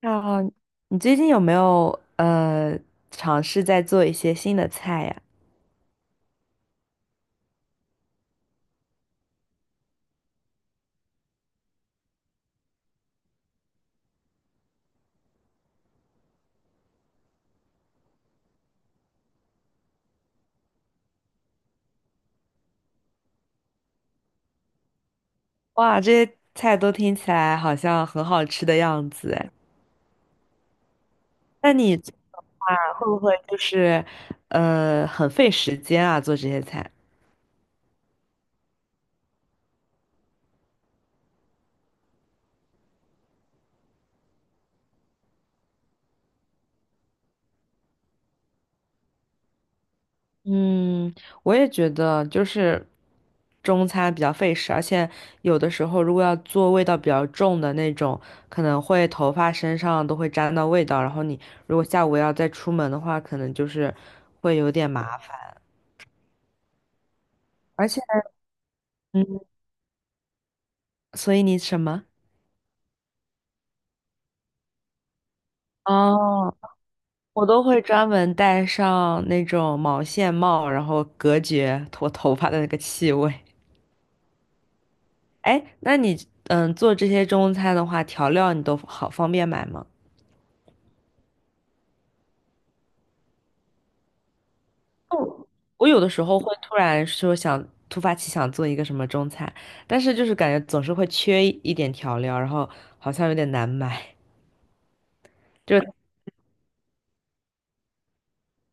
那你最近有没有尝试在做一些新的菜呀？哇，这些菜都听起来好像很好吃的样子哎。那你做的话会不会就是很费时间啊？做这些菜？嗯，我也觉得就是中餐比较费时，而且有的时候如果要做味道比较重的那种，可能会头发身上都会沾到味道，然后你如果下午要再出门的话，可能就是会有点麻烦。而且，嗯，所以你什么？哦，我都会专门戴上那种毛线帽，然后隔绝我头发的那个气味。哎，那你做这些中餐的话，调料你都好方便买吗？哦我有的时候会突然说想突发奇想做一个什么中餐，但是就是感觉总是会缺一点调料，然后好像有点难买。就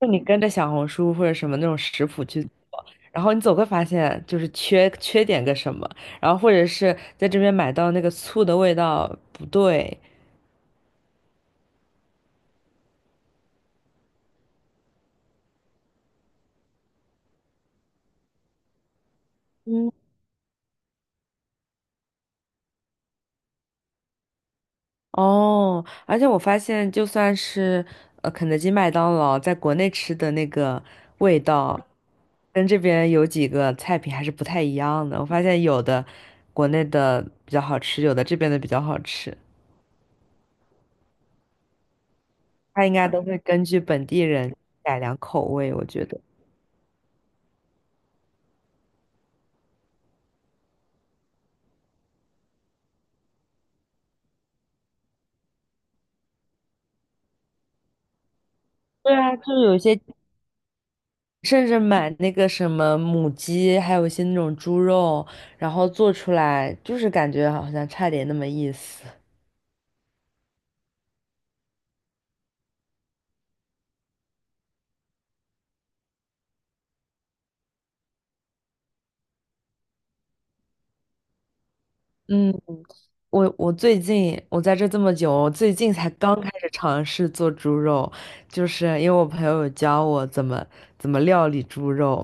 就你跟着小红书或者什么那种食谱去然后你总会发现就是缺点个什么，然后或者是在这边买到那个醋的味道不对嗯，哦，而且我发现就算是肯德基、麦当劳在国内吃的那个味道，跟这边有几个菜品还是不太一样的。我发现有的国内的比较好吃，有的这边的比较好吃，它应该都会根据本地人改良口味，我觉得。对啊，就是有一些。甚至买那个什么母鸡，还有一些那种猪肉，然后做出来，就是感觉好像差点那么意思。嗯，我最近在这么久，我最近才刚开始尝试做猪肉，就是因为我朋友有教我怎么料理猪肉，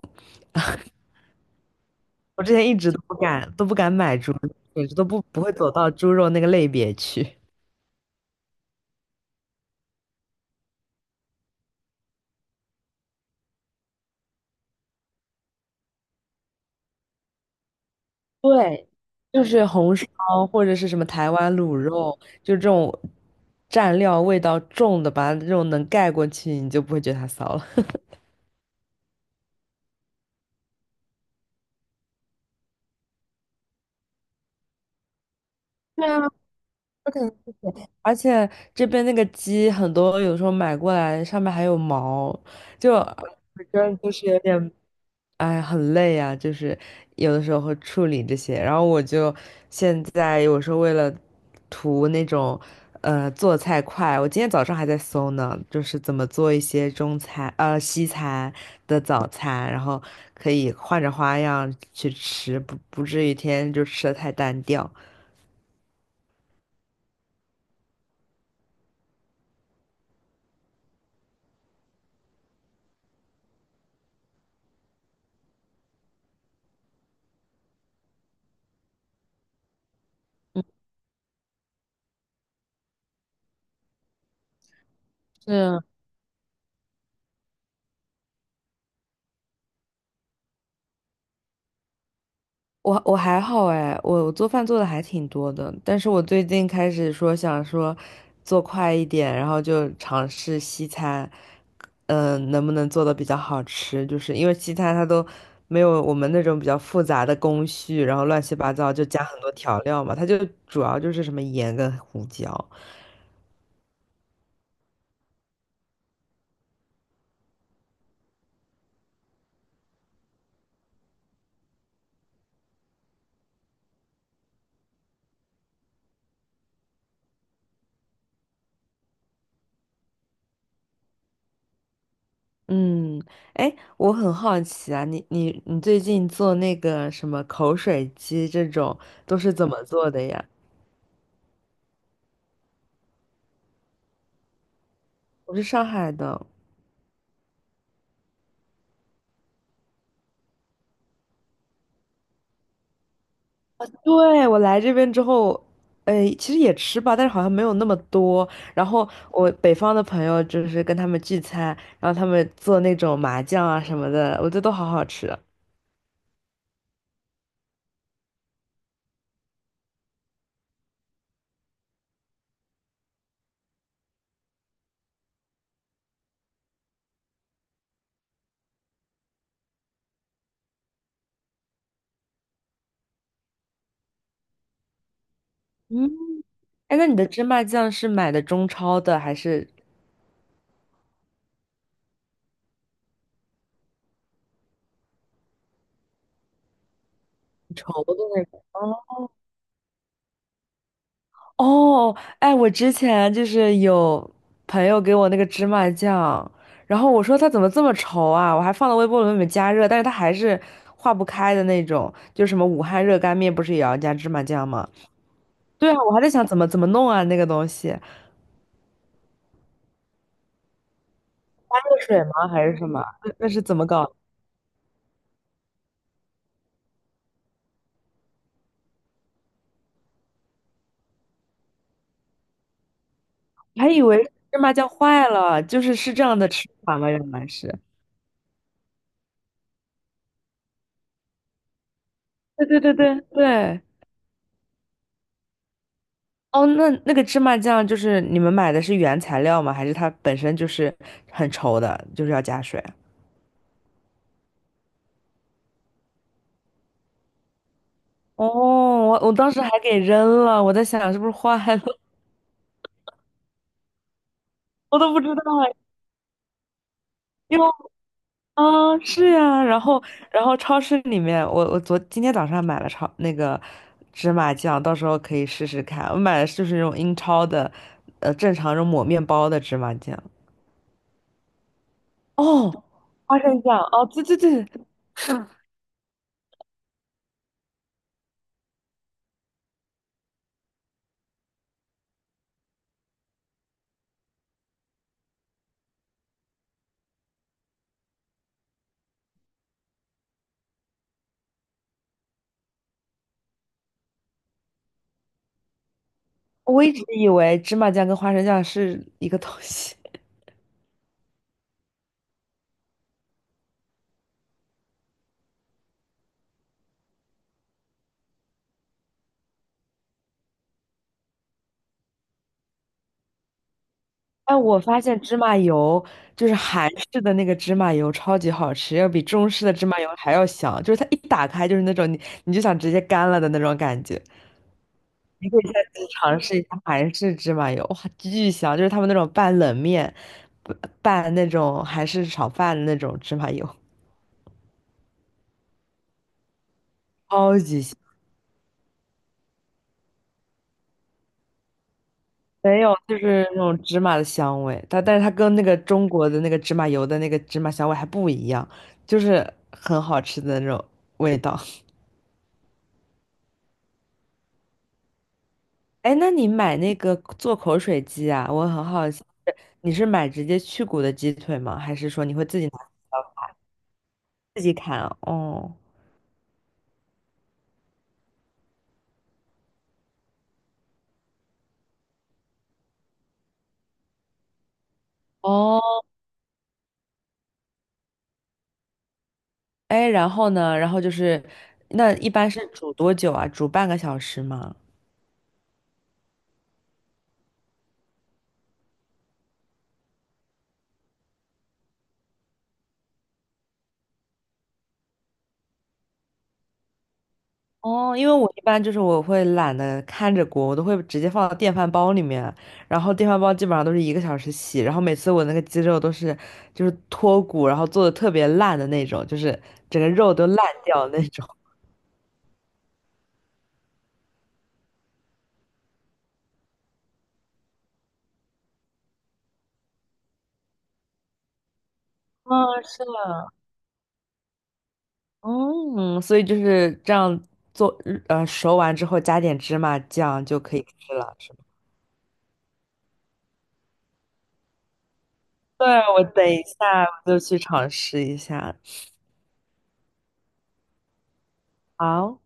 我之前一直都不敢买猪肉，简直都不会走到猪肉那个类别去。对，就是红烧或者是什么台湾卤肉，就这种蘸料味道重的，把它这种能盖过去，你就不会觉得它骚了。对啊，我感觉而且这边那个鸡很多，有时候买过来上面还有毛，就我觉得就是有点哎，很累啊，就是有的时候会处理这些，然后我就现在有时候为了图那种做菜快，我今天早上还在搜呢，就是怎么做一些中餐西餐的早餐，然后可以换着花样去吃，不至于天天就吃的太单调。是我还好哎，我做饭做的还挺多的，但是我最近开始说想说做快一点，然后就尝试西餐，嗯、能不能做的比较好吃？就是因为西餐它都没有我们那种比较复杂的工序，然后乱七八糟就加很多调料嘛，它就主要就是什么盐跟胡椒。嗯，哎，我很好奇啊，你最近做那个什么口水鸡这种都是怎么做的呀？我是上海的。对，我来这边之后，其实也吃吧，但是好像没有那么多。然后我北方的朋友就是跟他们聚餐，然后他们做那种麻酱啊什么的，我觉得都好好吃。嗯，哎，那你的芝麻酱是买的中超的还是稠的那种？哦，哎，我之前就是有朋友给我那个芝麻酱，然后我说它怎么这么稠啊？我还放到微波炉里面加热，但是它还是化不开的那种。就什么武汉热干面不是也要加芝麻酱吗？对啊，我还在想怎么弄啊那个东西，热水吗还是什么？那是怎么搞的我还以为芝麻酱坏了，就是是这样的吃法吗？原来是。对对对对对。哦，那个芝麻酱就是你们买的是原材料吗？还是它本身就是很稠的，就是要加水？哦，我当时还给扔了，我在想是不是坏了，我都不知道哎，因为啊是呀，然后超市里面，我今天早上买了超那个芝麻酱，到时候可以试试看。我买的就是那种英超的，正常那种抹面包的芝麻酱。哦，花生酱，哦，对对对，我一直以为芝麻酱跟花生酱是一个东西，哎，我发现芝麻油就是韩式的那个芝麻油超级好吃，要比中式的芝麻油还要香，就是它一打开就是那种你就想直接干了的那种感觉。你可以下次尝试一下韩式芝麻油，哇，巨香！就是他们那种拌冷面、拌拌那种韩式炒饭的那种芝麻油，超级香。没有，就是那种芝麻的香味，它但是它跟那个中国的那个芝麻油的那个芝麻香味还不一样，就是很好吃的那种味道。哎，那你买那个做口水鸡啊？我很好奇，你是买直接去骨的鸡腿吗？还是说你会自己拿呃自己砍啊哦哦，哎，然后呢？然后就是，那一般是煮多久啊？煮半个小时吗？哦，因为我一般就是我会懒得看着锅，我都会直接放到电饭煲里面，然后电饭煲基本上都是一个小时洗，然后每次我那个鸡肉都是就是脱骨，然后做的特别烂的那种，就是整个肉都烂掉的那种。啊，是的，嗯，所以就是这样做，熟完之后加点芝麻酱就可以吃了，是吗？对，我等一下我就去尝试一下。好。